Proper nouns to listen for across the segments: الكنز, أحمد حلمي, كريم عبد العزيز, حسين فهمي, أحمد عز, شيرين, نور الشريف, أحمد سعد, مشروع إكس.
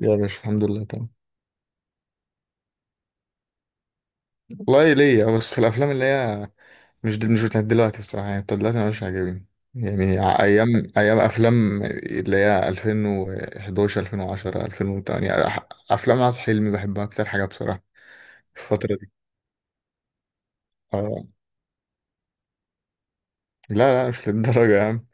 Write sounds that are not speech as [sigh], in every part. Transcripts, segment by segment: يا باشا، الحمد لله تمام. والله ليا بس في الافلام اللي هي مش بتاعت دلوقتي الصراحه، يعني بتاعت دلوقتي مش عاجبني. يعني ايام افلام اللي هي 2011 2010 2008 افلام عاد حلمي بحبها اكتر حاجه بصراحه في الفتره دي. آه. لا لا، مش للدرجه يا عم.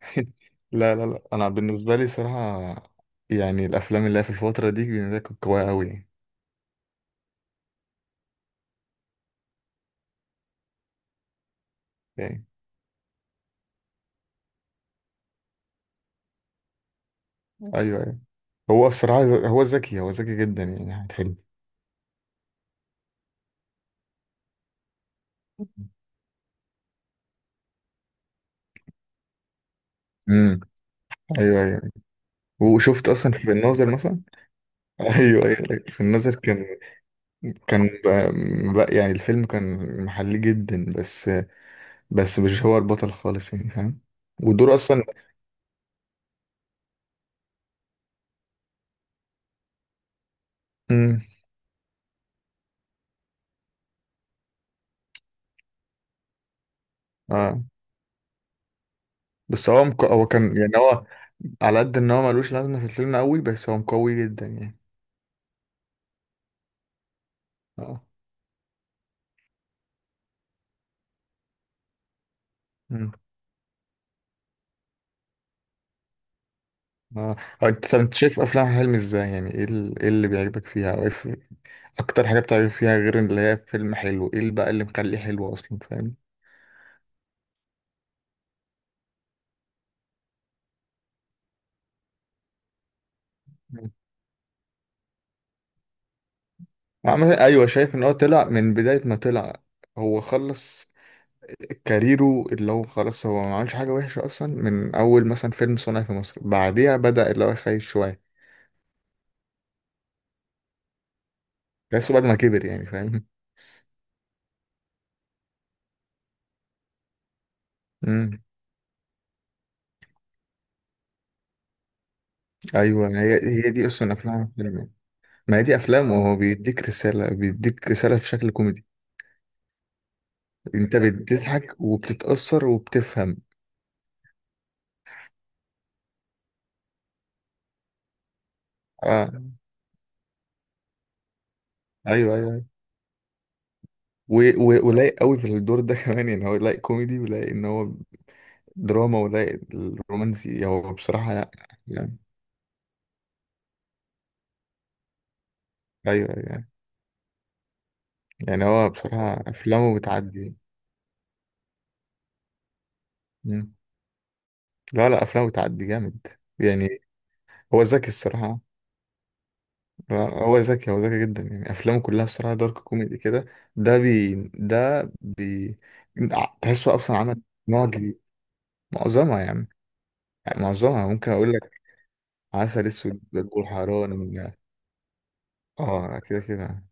[laughs] لا لا لا، انا بالنسبه لي صراحه يعني الافلام اللي هي في الفتره دي بالنسبة لي كانت قويه قوي يعني. يعني- ايوه ايوه. هو الصراحه هو ذكي جدا يعني. حلمي. ايوه ايوه. وشفت اصلا في الناظر مثلا. [laughs] ايوه ايوه، أيوة. في الناظر كان. كان بقى بقى يعني الفيلم كان محلي جدا، بس مش هو البطل خالص يعني، فاهم؟ ودور اصلا. امم. اه. هو كان يعني هو على قد ان هو ملوش لازمه في الفيلم قوي، بس هو مقوي جدا يعني. اه. امم. اه. هو انت، طب انت شايف افلام حلمي ازاي؟ يعني إيه اللي بيعجبك فيها، اكتر حاجه بتعجبك فيها غير اللي هي فيلم حلو؟ ايه اللي بقى اللي مخليه حلو اصلا، فاهم؟ عمل. ايوه، شايف ان هو طلع من بدايه ما طلع. هو خلص كاريره، اللي هو خلاص هو ما عملش حاجه وحشه اصلا من اول، مثلا فيلم صنع في مصر بعديها بدا اللي هو يخيش شويه. تحسه بعد ما كبر، يعني فاهم. [laughs] امم. ايوه، ما هي دي اصلا افلام فيلم. ما هي دي افلام وهو بيديك رساله، بيديك رساله في شكل كوميدي. انت بتضحك وبتتاثر وبتفهم. اه ايوه ايوه، أيوة. ولايق قوي في الدور ده [laughs] كمان، يعني هو لايق كوميدي، ولايق ان هو دراما، ولا الرومانسي هو بصراحة لا. يعني أيوه أيوه يعني. يعني هو بصراحة أفلامه بتعدي. مم. لا لا، أفلامه بتعدي جامد يعني. هو ذكي الصراحة. هو ذكي جدا يعني. أفلامه كلها الصراحة دارك كوميدي كده. ده بي ده بي تحسه أصلا عمل نوع جديد. معظمها يعني معظمها ممكن أقول لك. عسل أسود، بلبول حيران. اه، كده كده.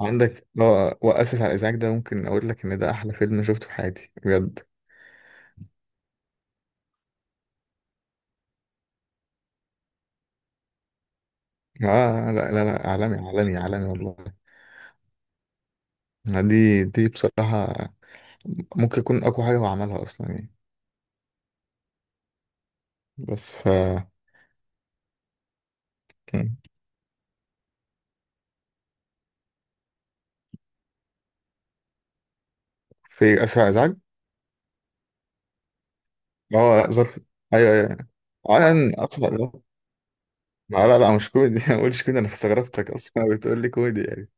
عندك اه، واسف على الازعاج ده ممكن اقول لك ان ده احلى فيلم شفته في حياتي بجد. اه لا لا لا، عالمي عالمي عالمي والله. دي بصراحة ممكن يكون أقوى حاجة هو عملها أصلا يعني. بس. في أسرع إزعاج. اه، لا ظرف. أيوه أيوه. أنا أسرع إزعاج لا. لا لا مش كوميدي، [laughs] ما بقولش كوميدي. أنا استغربتك أصلا [laughs] بتقول لي كوميدي يعني.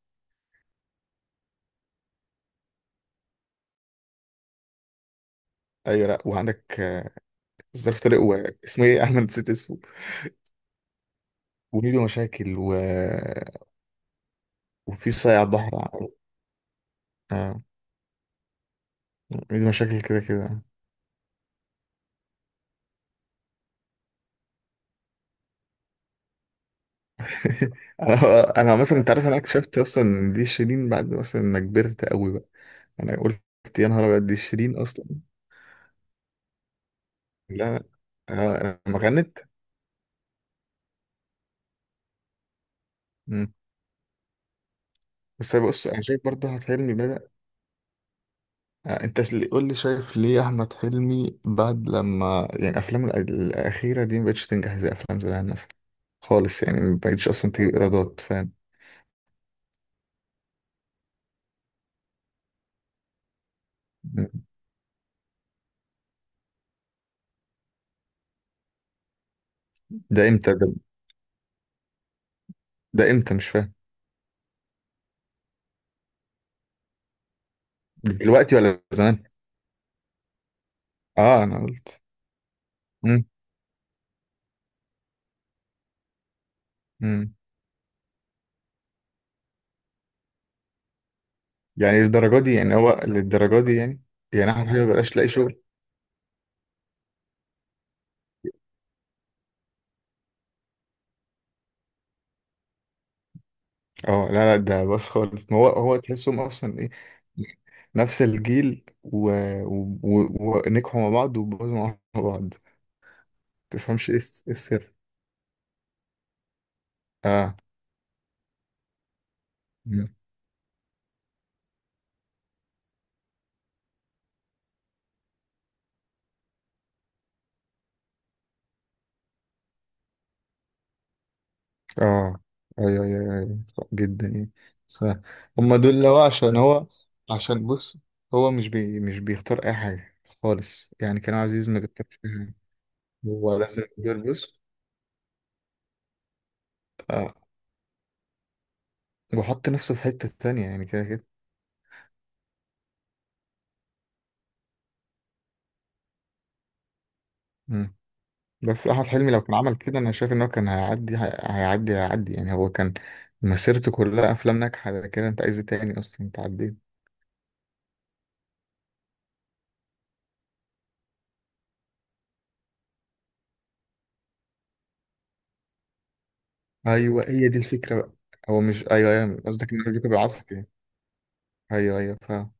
أيوه، لا وعندك ظرف طارق، واسمه إيه؟ [laughs] أحمد، نسيت اسمه. وميدو مشاكل وفي صايع الظهر. آه، ميدو مشاكل كده كده. [laughs] انا انا مثلا انت عارف انا اكتشفت اصلا ان دي شيرين بعد مثلا ما كبرت قوي بقى. انا قلت يا نهار ابيض، دي شيرين اصلا. لا، انا لما غنت. مم. بس أنا بص، انا شايف برضه احمد حلمي بدأ. انت اللي قول لي، شايف ليه احمد حلمي بعد لما يعني افلامه الاخيره دي ما بقتش تنجح زي افلام زمان مثلا؟ خالص يعني ما بقتش اصلا تجيب ايرادات، فاهم؟ مم. ده امتى ده، ده امتى مش فاهم. دلوقتي ولا زمان؟ اه انا قلت. مم. مم. يعني للدرجة دي يعني، هو للدرجة دي يعني؟ يعني احمد حبيبي مبقاش لاقي شغل؟ اه لا لا، ده بس خالص. ما هو تحسهم اصلا ايه. نفس الجيل ونجحوا مع بعض وبوظوا مع بعض. تفهمش إيه السر. اه. مم. اه ايوه ايوه ايوه، صح جدا يعني. صح. هما دول لو عشان بص. هو مش بيختار اي حاجة خالص، يعني كريم عبد العزيز ما بيختارش أي حاجة. هو لازم يدور، بص. آه، وحط نفسه في حتة تانية يعني كده كده. مم. بس أحمد حلمي لو كان عمل كده أنا شايف إن هو كان هيعدي يعني. هو كان مسيرته كلها أفلام ناجحة، ده كده أنت عايز إيه تاني أصلا، أنت عديت. أيوه، هي دي الفكرة بقى. هو مش أيوه أيوه، قصدك إن هو بيكون بالعافية يعني. أيوه أيوه، فاهم.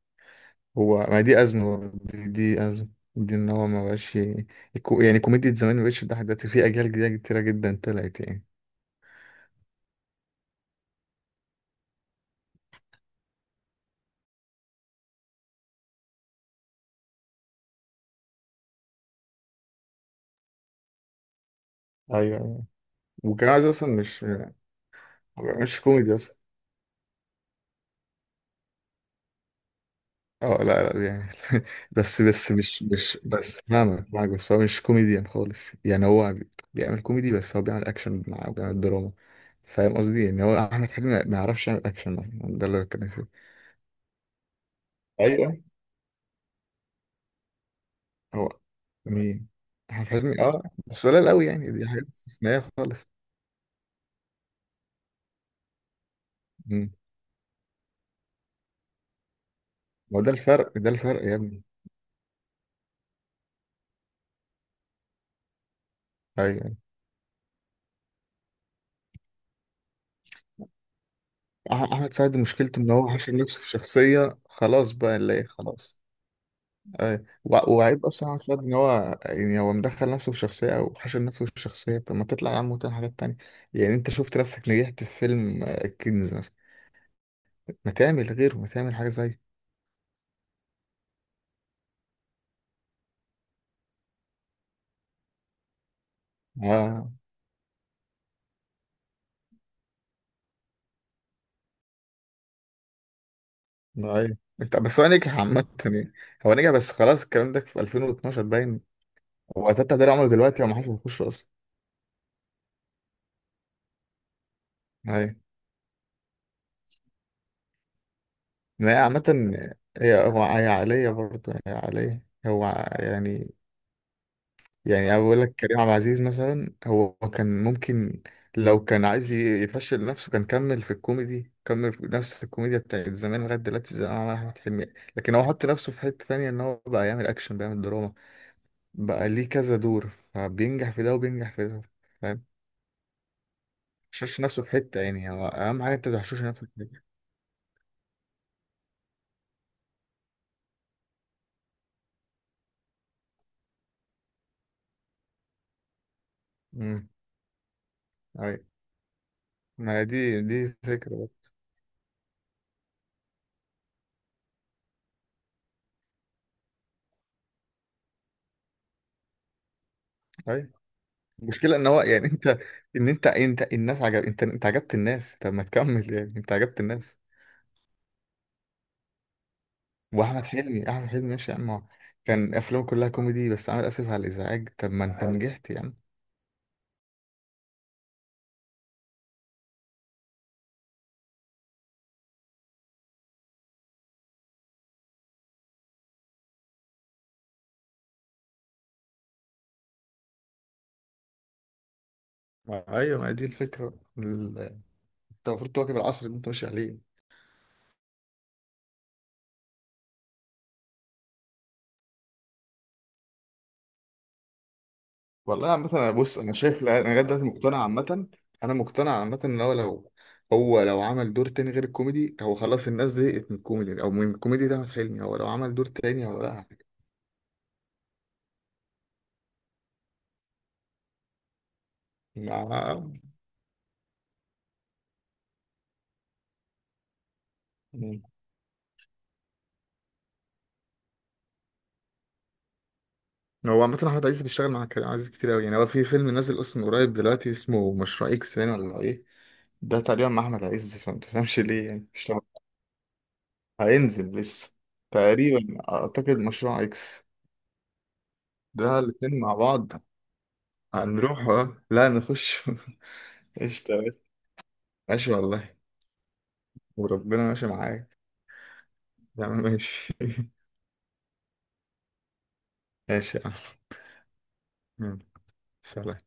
هو، ما دي أزمة برضه، دي أزمة. دي إن هو ما بقاش يعني كوميديا زمان ما بقتش تضحك دلوقتي، في أجيال جديدة كتيرة جدا طلعت يعني. أيوه أيوه. وكان عايز أصلا مش كوميدي أصلا. اه لا لا يعني. [laughs] بس بس مش مش بس فاهمك، معاك، بس هو مش كوميديان خالص يعني. هو بيعمل كوميدي، بس هو بيعمل اكشن معاه وبيعمل دراما. فاهم قصدي؟ يعني هو احمد حلمي ما يعرفش يعمل اكشن مثلا، ده اللي بتكلم فيه. ايوه. هو. مين؟ احمد حلمي، اه. بس قليل قوي يعني، دي حاجات استثنائيه خالص. مم. ما هو ده الفرق، ده الفرق يا ابني. ايوه، أيوة. احمد سعد مشكلته ان هو حشر نفسه في شخصيه، خلاص بقى اللي هي خلاص. أي. وعيب اصلا على سعد ان هو يعني، هو مدخل نفسه في شخصيه او حاشر نفسه في شخصيه، طب ما تطلع يا عم وتعمل حاجات تانية. يعني انت شفت نفسك نجحت في فيلم الكنز مثلا، ما تعمل غيره، ما تعمل حاجه زيه. اه. أي. انت بس، هو نجح عامه يعني. هو نجح بس، خلاص الكلام ده في 2012 باين. هو تاتا ده عمره دلوقتي، هو ما حدش بيخش اصلا. اي. ما هي عامه، هي هو هي عاليه برضه، هي عاليه هو، يعني يعني أنا بقول لك كريم عبد العزيز مثلا هو كان ممكن، لو كان عايز يفشل نفسه كان كمل في الكوميدي، كمل في نفس الكوميديا بتاعت زمان لغاية دلوقتي زي ما عمل أحمد حلمي. لكن هو حط نفسه في حتة تانية، إن هو بقى يعمل أكشن، بيعمل دراما، بقى ليه كذا دور، فبينجح في ده وبينجح في ده، فاهم؟ مشاش نفسه في حتة، يعني هو أهم حاجة أنت متحشوش نفسك في حتة. أمم. أي. ما هي دي فكرة بقى. أي. المشكلة إن هو يعني أنت، إن أنت الناس عجب، أنت عجبت الناس، طب ما تكمل يعني أنت عجبت الناس. واحمد حلمي احمد حلمي ماشي يا عم. هو كان افلامه كلها كوميدي، بس عامل اسف على الازعاج، طب ما انت نجحت يا عم. ايوه، ما هي دي الفكره انت المفروض تواكب العصر اللي انت ماشي عليه. والله عامة، أنا بص أنا شايف أنا لغاية دلوقتي مقتنع عامة. أنا مقتنع عامة إن هو لو، هو لو عمل دور تاني غير الكوميدي، هو خلاص الناس زهقت من الكوميدي أو من الكوميدي ده، أحمد حلمي هو لو عمل دور تاني هو. لا. هو عامة أحمد عز بيشتغل مع كريم عبد العزيز كتير أوي يعني، هو في فيلم نازل أصلا قريب دلوقتي اسمه مشروع إكس، باين ولا إيه؟ ده تقريبا مع أحمد عز، فما تفهمش ليه يعني، مش عارف. هينزل لسه. تقريبا أعتقد مشروع إكس. ده الاتنين مع بعض. هنروح لا نخش. [laughs] قشطة يا باشا. ماشي والله، وربنا ماشي معاك. يا عم ماشي. [laughs] ماشي يا عم. يلا، سلام.